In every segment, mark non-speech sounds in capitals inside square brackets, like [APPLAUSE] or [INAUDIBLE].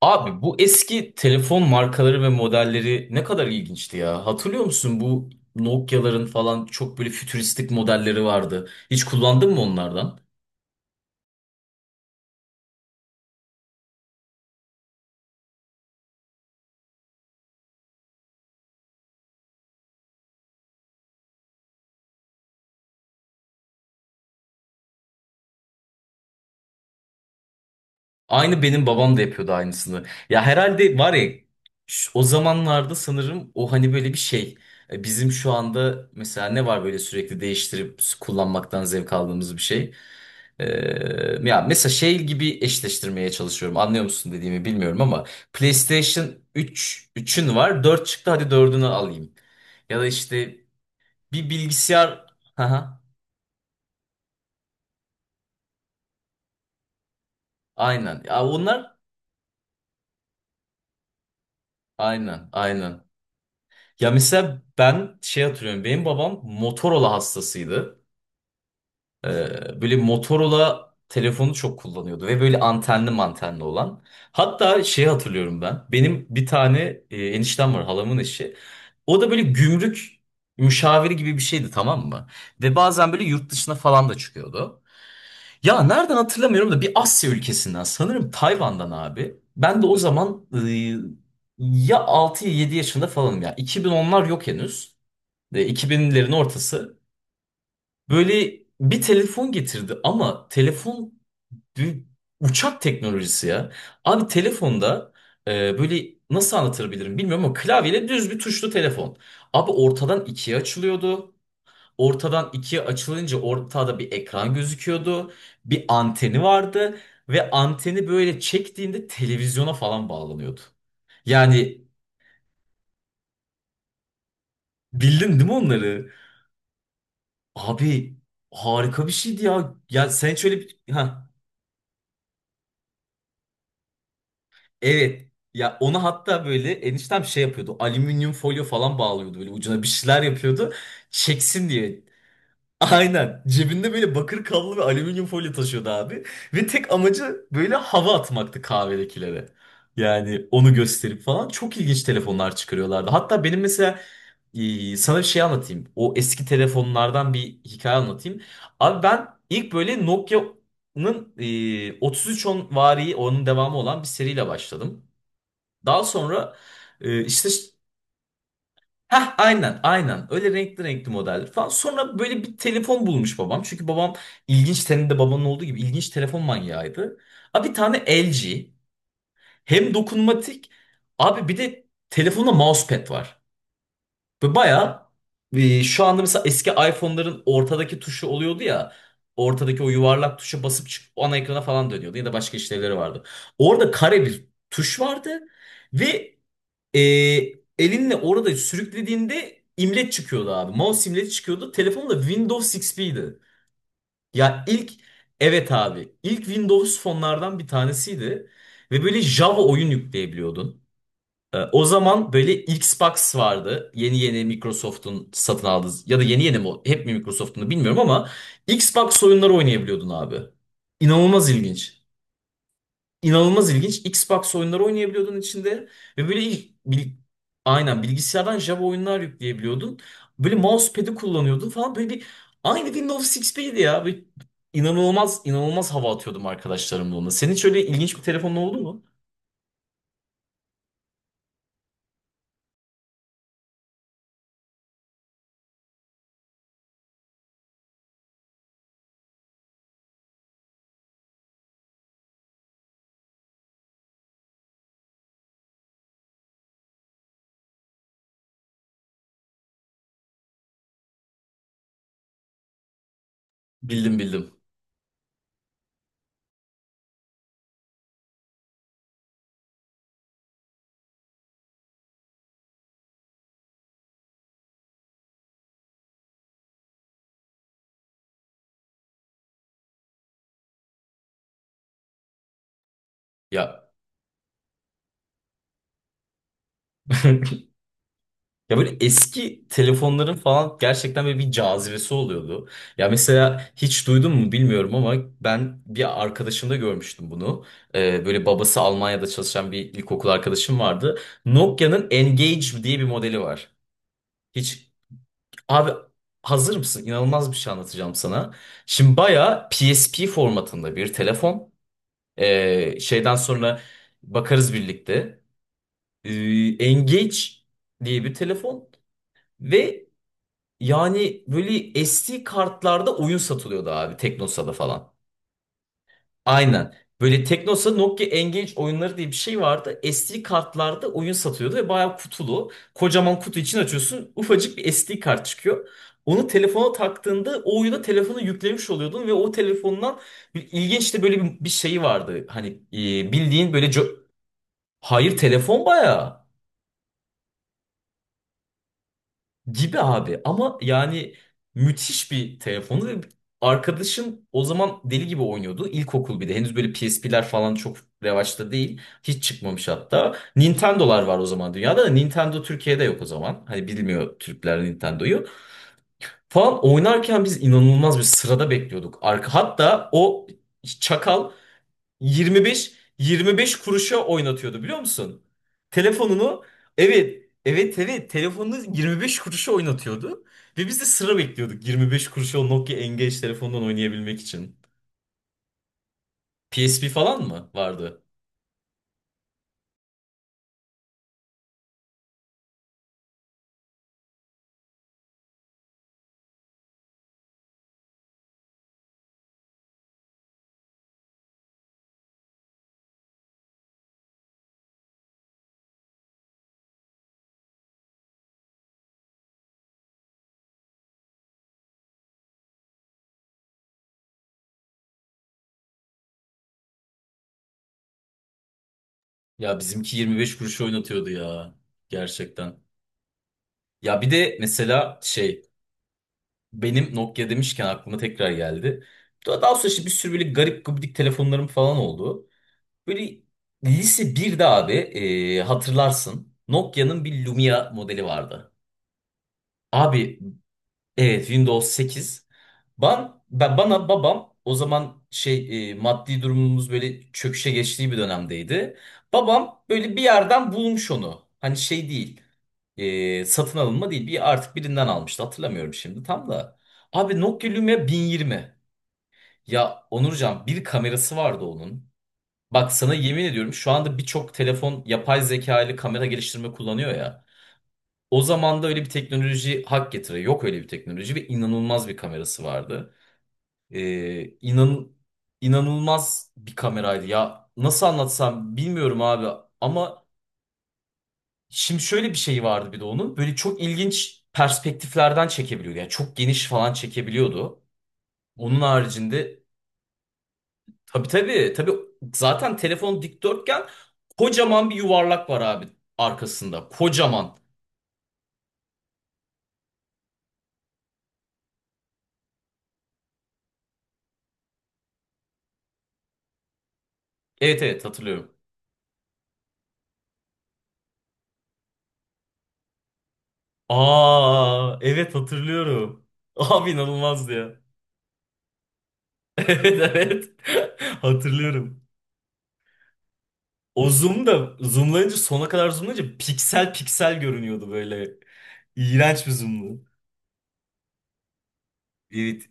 Abi bu eski telefon markaları ve modelleri ne kadar ilginçti ya. Hatırlıyor musun bu Nokia'ların falan çok böyle fütüristik modelleri vardı. Hiç kullandın mı onlardan? Aynı benim babam da yapıyordu aynısını. Ya herhalde var ya o zamanlarda sanırım o hani böyle bir şey. Bizim şu anda mesela ne var böyle sürekli değiştirip kullanmaktan zevk aldığımız bir şey. Ee, ya mesela şey gibi eşleştirmeye çalışıyorum. Anlıyor musun dediğimi bilmiyorum ama PlayStation 3 üçün var. Dört çıktı, hadi dördünü alayım. Ya da işte bir bilgisayar. [LAUGHS] Haha, aynen. Ya onlar, aynen aynen. Ya mesela ben şey hatırlıyorum. Benim babam Motorola hastasıydı. Böyle Motorola telefonu çok kullanıyordu ve böyle antenli mantenli olan. Hatta şey hatırlıyorum ben. Benim bir tane eniştem var, halamın eşi. O da böyle gümrük müşaviri gibi bir şeydi, tamam mı? Ve bazen böyle yurt dışına falan da çıkıyordu. Ya nereden hatırlamıyorum da bir Asya ülkesinden, sanırım Tayvan'dan abi. Ben de o zaman ya 6 ya 7 yaşında falanım ya. 2010'lar yok henüz. 2000'lerin ortası. Böyle bir telefon getirdi ama telefon bir uçak teknolojisi ya. Abi telefonda, böyle nasıl anlatabilirim bilmiyorum ama, klavyeyle düz bir tuşlu telefon. Abi ortadan ikiye açılıyordu. Ortadan ikiye açılınca ortada bir ekran gözüküyordu. Bir anteni vardı ve anteni böyle çektiğinde televizyona falan bağlanıyordu. Yani bildin değil mi onları? Abi harika bir şeydi ya. Ya sen şöyle bir, ha, evet. Ya onu hatta böyle eniştem şey yapıyordu. Alüminyum folyo falan bağlıyordu, böyle ucuna bir şeyler yapıyordu. Çeksin diye. Aynen. Cebinde böyle bakır kablo ve alüminyum folyo taşıyordu abi. Ve tek amacı böyle hava atmaktı kahvedekilere. Yani onu gösterip falan. Çok ilginç telefonlar çıkarıyorlardı. Hatta benim mesela, sana bir şey anlatayım. O eski telefonlardan bir hikaye anlatayım. Abi ben ilk böyle Nokia'nın, 3310 vari onun devamı olan bir seriyle başladım. Daha sonra işte. Hah, aynen aynen, öyle renkli renkli modeller falan. Sonra böyle bir telefon bulmuş babam. Çünkü babam, ilginç, senin de babanın olduğu gibi ilginç telefon manyağıydı. Abi bir tane LG, hem dokunmatik, abi bir de telefonda mousepad var. Ve bayağı, şu anda mesela eski iPhone'ların ortadaki tuşu oluyordu ya. Ortadaki o yuvarlak tuşa basıp çık ana ekrana falan dönüyordu ya da başka işlevleri vardı. Orada kare bir tuş vardı ve, ee, elinle orada sürüklediğinde imleç çıkıyordu abi. Mouse imleci çıkıyordu. Telefon da Windows XP'ydi. Ya ilk, evet abi, ilk Windows fonlardan bir tanesiydi. Ve böyle Java oyun yükleyebiliyordun. O zaman böyle Xbox vardı. Yeni yeni Microsoft'un satın aldığı ya da yeni yeni mi hep mi Microsoft'un da bilmiyorum ama Xbox oyunları oynayabiliyordun abi. İnanılmaz ilginç, inanılmaz ilginç. Xbox oyunları oynayabiliyordun içinde ve böyle aynen bilgisayardan Java oyunlar yükleyebiliyordun. Böyle mousepad'i kullanıyordun falan, böyle bir, aynı Windows XP'ydi ya. Böyle inanılmaz inanılmaz hava atıyordum arkadaşlarımla onunla. Senin hiç öyle ilginç bir telefonun oldu mu? Bildim bildim. Ya. [LAUGHS] Ya böyle eski telefonların falan gerçekten böyle bir cazibesi oluyordu. Ya mesela hiç duydun mu bilmiyorum ama ben bir arkadaşımda görmüştüm bunu. Böyle babası Almanya'da çalışan bir ilkokul arkadaşım vardı. Nokia'nın Engage diye bir modeli var. Hiç abi, hazır mısın? İnanılmaz bir şey anlatacağım sana. Şimdi bayağı PSP formatında bir telefon. Şeyden sonra bakarız birlikte. Ee, Engage diye bir telefon. Ve yani böyle SD kartlarda oyun satılıyordu abi, Teknosa'da falan. Aynen. Böyle Teknosa Nokia Engage oyunları diye bir şey vardı. SD kartlarda oyun satıyordu ve bayağı kutulu. Kocaman kutu için açıyorsun. Ufacık bir SD kart çıkıyor. Onu telefona taktığında o oyuna telefonu yüklemiş oluyordun ve o telefondan ilginç de böyle bir şey vardı. Hani, bildiğin böyle hayır, telefon bayağı. Gibi abi ama yani, müthiş bir telefonu ve arkadaşım o zaman deli gibi oynuyordu. İlkokul bir de henüz böyle PSP'ler falan çok revaçta değil. Hiç çıkmamış hatta. Nintendo'lar var o zaman dünyada da Nintendo Türkiye'de yok o zaman. Hani bilmiyor Türkler Nintendo'yu. Falan oynarken biz inanılmaz bir sırada bekliyorduk. Arka hatta o çakal 25 25 kuruşa oynatıyordu, biliyor musun? Telefonunu, evet evet evet, telefonunu 25 kuruşa oynatıyordu ve biz de sıra bekliyorduk 25 kuruşa o Nokia Engage telefondan oynayabilmek için. PSP falan mı vardı? Ya bizimki 25 kuruşa oynatıyordu ya, gerçekten. Ya bir de mesela şey, benim Nokia demişken aklıma tekrar geldi. Daha sonra işte bir sürü böyle garip gubidik telefonlarım falan oldu. Böyle lise birde abi, hatırlarsın Nokia'nın bir Lumia modeli vardı. Abi evet, Windows 8. Ben bana babam o zaman şey, maddi durumumuz böyle çöküşe geçtiği bir dönemdeydi. Babam böyle bir yerden bulmuş onu. Hani şey değil, satın alınma değil. Bir artık birinden almıştı. Hatırlamıyorum şimdi tam da. Abi Nokia Lumia 1020. Ya Onurcan, bir kamerası vardı onun. Bak sana yemin ediyorum, şu anda birçok telefon yapay zeka ile kamera geliştirme kullanıyor ya. O zaman da öyle bir teknoloji hak getire. Yok öyle bir teknoloji ve inanılmaz bir kamerası vardı. İnan, inanılmaz bir kameraydı ya. Nasıl anlatsam bilmiyorum abi ama, şimdi şöyle bir şey vardı bir de onun. Böyle çok ilginç perspektiflerden çekebiliyordu. Yani çok geniş falan çekebiliyordu. Onun haricinde, tabii tabii. Tabii, zaten telefon dikdörtgen, kocaman bir yuvarlak var abi arkasında. Kocaman. Evet evet, hatırlıyorum. Aa evet, hatırlıyorum. [LAUGHS] Abi inanılmazdı ya. [LAUGHS] Evet evet. [LAUGHS] Hatırlıyorum. O zoom da zoomlayınca, sona kadar zoomlayınca, piksel piksel görünüyordu böyle. İğrenç bir zoomdu. Evet.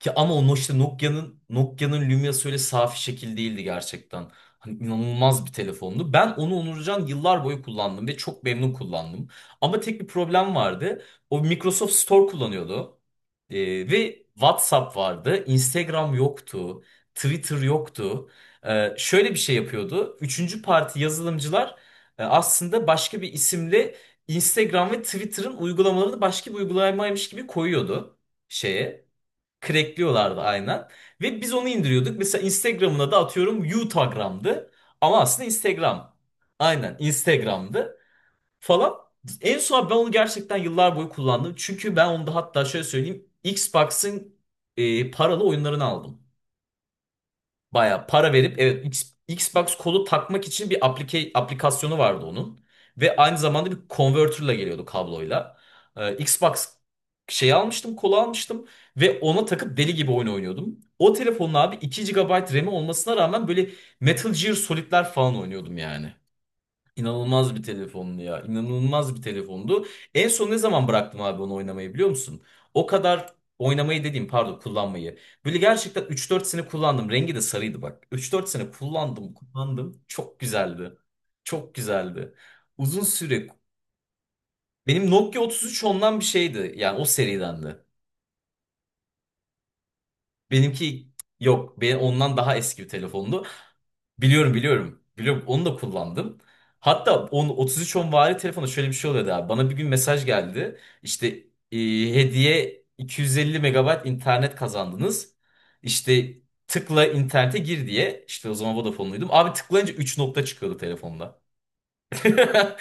Ki ama o işte Nokia'nın Lumia'sı öyle safi şekil değildi gerçekten. Hani inanılmaz bir telefondu. Ben onu Onurcan yıllar boyu kullandım ve çok memnun kullandım. Ama tek bir problem vardı. O Microsoft Store kullanıyordu. Ve WhatsApp vardı. Instagram yoktu. Twitter yoktu. Şöyle bir şey yapıyordu. Üçüncü parti yazılımcılar, aslında başka bir isimle Instagram ve Twitter'ın uygulamalarını başka bir uygulamaymış gibi koyuyordu şeye. Crackliyorlardı, aynen. Ve biz onu indiriyorduk. Mesela Instagram'ına da atıyorum Utagram'dı. Ama aslında Instagram. Aynen Instagram'dı falan. En son ben onu gerçekten yıllar boyu kullandım. Çünkü ben onu da hatta şöyle söyleyeyim. Xbox'ın, paralı oyunlarını aldım. Baya para verip, evet, Xbox kolu takmak için bir aplikasyonu vardı onun. Ve aynı zamanda bir converter'la geliyordu, kabloyla. Xbox şey almıştım, kolu almıştım ve ona takıp deli gibi oyun oynuyordum. O telefonun abi 2 gigabayt RAM'i olmasına rağmen böyle Metal Gear Solid'ler falan oynuyordum yani. İnanılmaz bir telefondu ya. İnanılmaz bir telefondu. En son ne zaman bıraktım abi onu oynamayı biliyor musun? O kadar oynamayı dediğim, pardon, kullanmayı. Böyle gerçekten üç dört sene kullandım. Rengi de sarıydı, bak. Üç dört sene kullandım. Çok güzeldi. Çok güzeldi. Uzun süre. Benim Nokia 33 ondan bir şeydi. Yani o seriden. Benimki yok. Benim ondan daha eski bir telefondu. Biliyorum biliyorum. Biliyorum, onu da kullandım. Hatta 10, 3310 vari telefonu şöyle bir şey oluyordu abi. Bana bir gün mesaj geldi. İşte, e, hediye 250 megabayt internet kazandınız. İşte tıkla internete gir diye. İşte o zaman Vodafone'luydum. Abi tıklayınca 3 nokta çıkıyordu telefonda. [LAUGHS]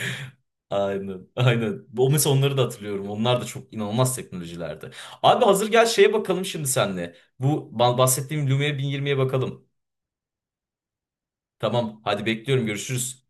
Aynen, aynen. O mesela onları da hatırlıyorum. Onlar da çok inanılmaz teknolojilerdi. Abi hazır gel şeye bakalım şimdi senle. Bu bahsettiğim Lumia 1020'ye bakalım. Tamam, hadi bekliyorum. Görüşürüz.